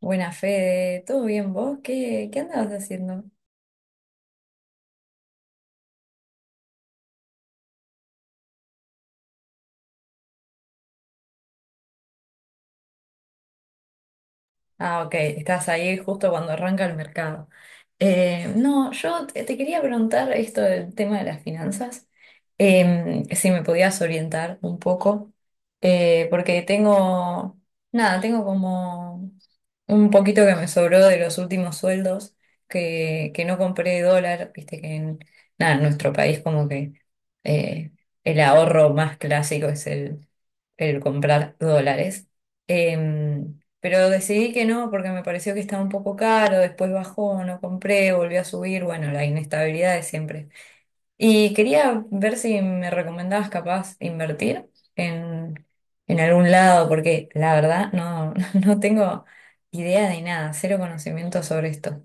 Buena Fede, ¿todo bien vos? ¿¿Qué andabas haciendo? Ah, ok, estás ahí justo cuando arranca el mercado. No, yo te quería preguntar esto del tema de las finanzas, si me podías orientar un poco, porque tengo, nada, tengo como un poquito que me sobró de los últimos sueldos, que no compré dólar, viste que en, nada, en nuestro país como que eh, el ahorro más clásico es el comprar dólares. Pero decidí que no porque me pareció que estaba un poco caro, después bajó, no compré, volvió a subir, bueno, la inestabilidad de siempre. Y quería ver si me recomendabas capaz invertir en, en algún lado, porque la verdad no, no tengo idea de nada, cero conocimiento sobre esto.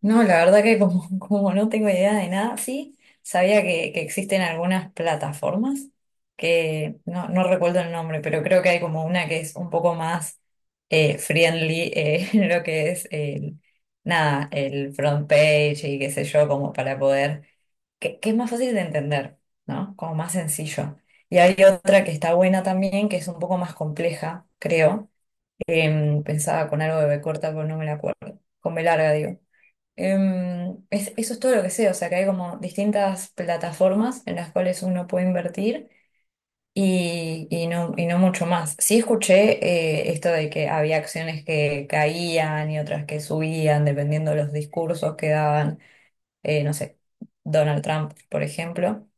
No, la verdad que como, como no tengo idea de nada, sí, sabía que existen algunas plataformas que no, no recuerdo el nombre, pero creo que hay como una que es un poco más friendly, en lo que es el, nada, el front page y qué sé yo, como para poder, que es más fácil de entender, ¿no? Como más sencillo. Y hay otra que está buena también, que es un poco más compleja, creo. Pensaba con algo de B corta, pero no me la acuerdo. Con B larga, digo. Eso es todo lo que sé, o sea que hay como distintas plataformas en las cuales uno puede invertir y no mucho más. Sí escuché esto de que había acciones que caían y otras que subían dependiendo de los discursos que daban, no sé, Donald Trump, por ejemplo.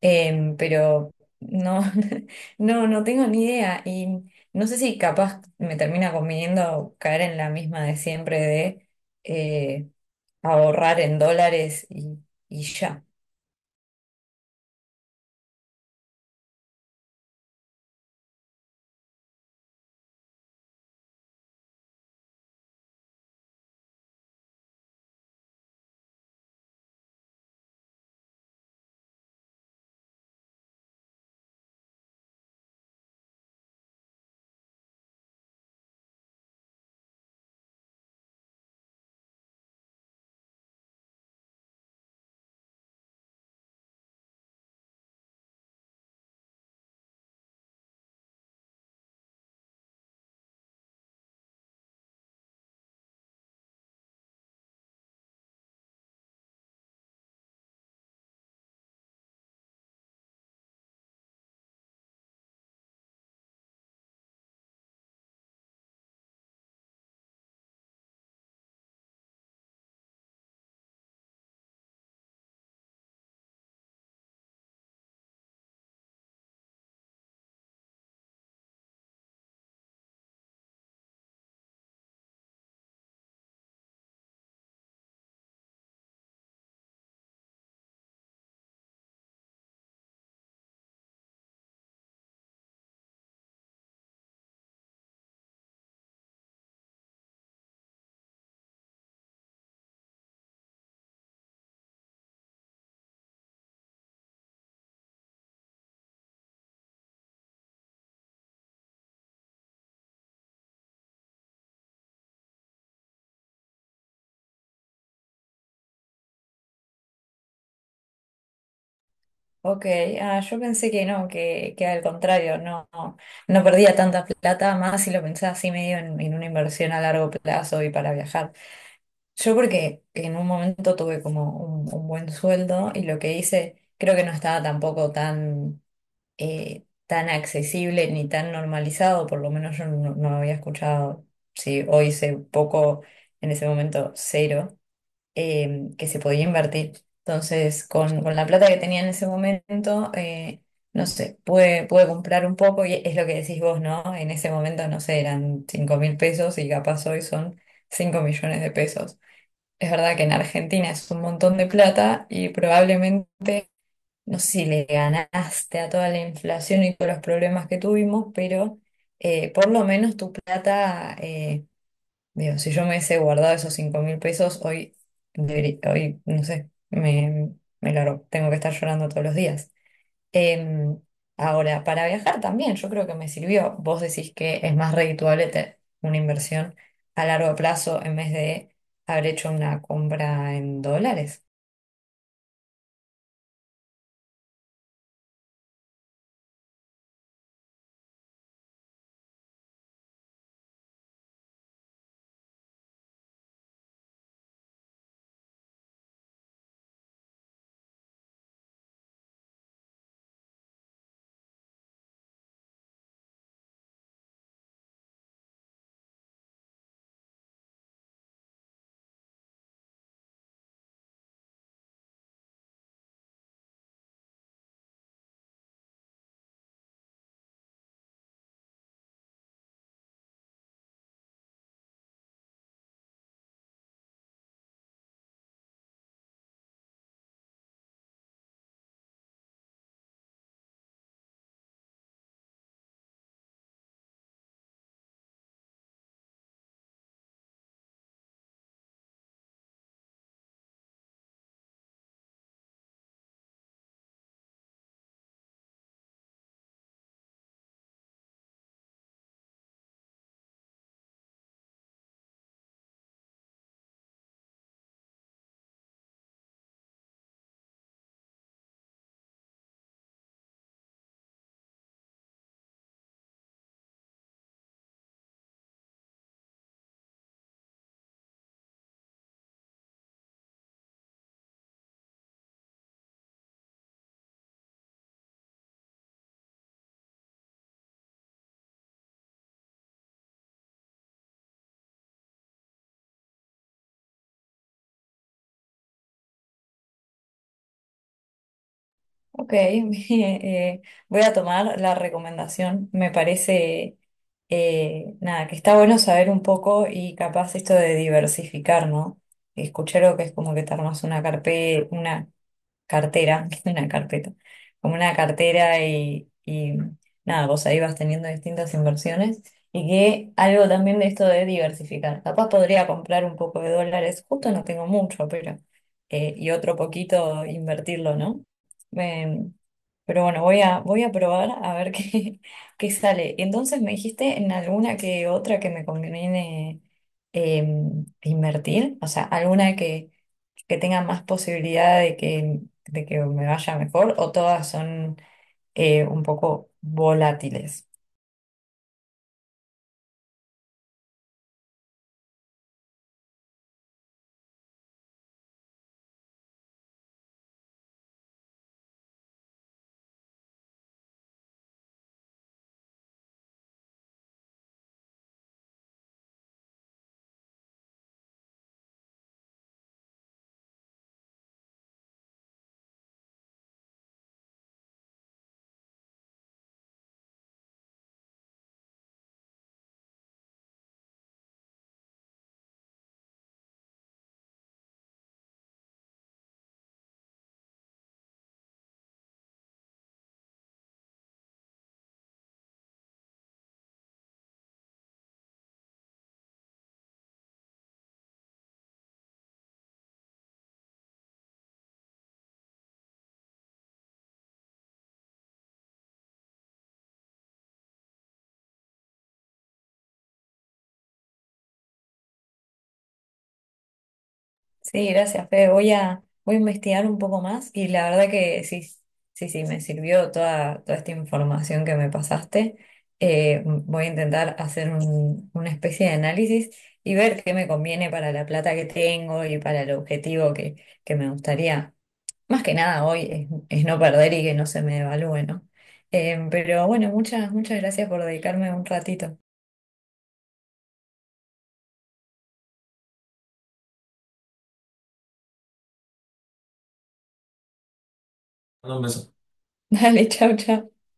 Pero no, no, no tengo ni idea y no sé si capaz me termina conviniendo caer en la misma de siempre de... eh, ahorrar en dólares y ya. Ok, ah, yo pensé que no, que al contrario, no, no, no perdía tanta plata, más si lo pensaba así medio en una inversión a largo plazo y para viajar. Yo porque en un momento tuve como un buen sueldo y lo que hice creo que no estaba tampoco tan, tan accesible ni tan normalizado, por lo menos yo no, no había escuchado, si hoy sé poco, en ese momento cero. Que se podía invertir. Entonces, con la plata que tenía en ese momento, no sé, pude comprar un poco y es lo que decís vos, ¿no? En ese momento, no sé, eran 5.000 pesos y capaz hoy son 5.000.000 de pesos. Es verdad que en Argentina es un montón de plata y probablemente, no sé si le ganaste a toda la inflación y todos los problemas que tuvimos, pero por lo menos tu plata... Digo, si yo me hubiese guardado esos 5.000 pesos, hoy, hoy, no sé, me largo. Tengo que estar llorando todos los días. Em, Ahora, para viajar también, yo creo que me sirvió. Vos decís que es más redituable una inversión a largo plazo en vez de haber hecho una compra en dólares. Ok, eh, voy a tomar la recomendación. Me parece, nada, que está bueno saber un poco y capaz esto de diversificar, ¿no? Escuché lo que es como que te armas una carpeta, cartera, que es una carpeta, como una cartera y nada, vos ahí vas teniendo distintas inversiones y que algo también de esto de diversificar. Capaz podría comprar un poco de dólares, justo no tengo mucho, pero y otro poquito invertirlo, ¿no? Em, pero bueno, voy a, voy a probar a ver qué, qué sale. Entonces me dijiste en alguna que otra que me conviene invertir, o sea, alguna que tengan más posibilidad de que me vaya mejor o todas son un poco volátiles. Sí, gracias, Fede. Voy a, voy a investigar un poco más y la verdad que sí, sí, sí, me sirvió toda, toda esta información que me pasaste. Voy a intentar hacer una especie de análisis y ver qué me conviene para la plata que tengo y para el objetivo que me gustaría. Más que nada hoy es no perder y que no se me devalúe, ¿no? Pero bueno, muchas, muchas gracias por dedicarme un ratito. Mando un beso. Dale, chau, chau.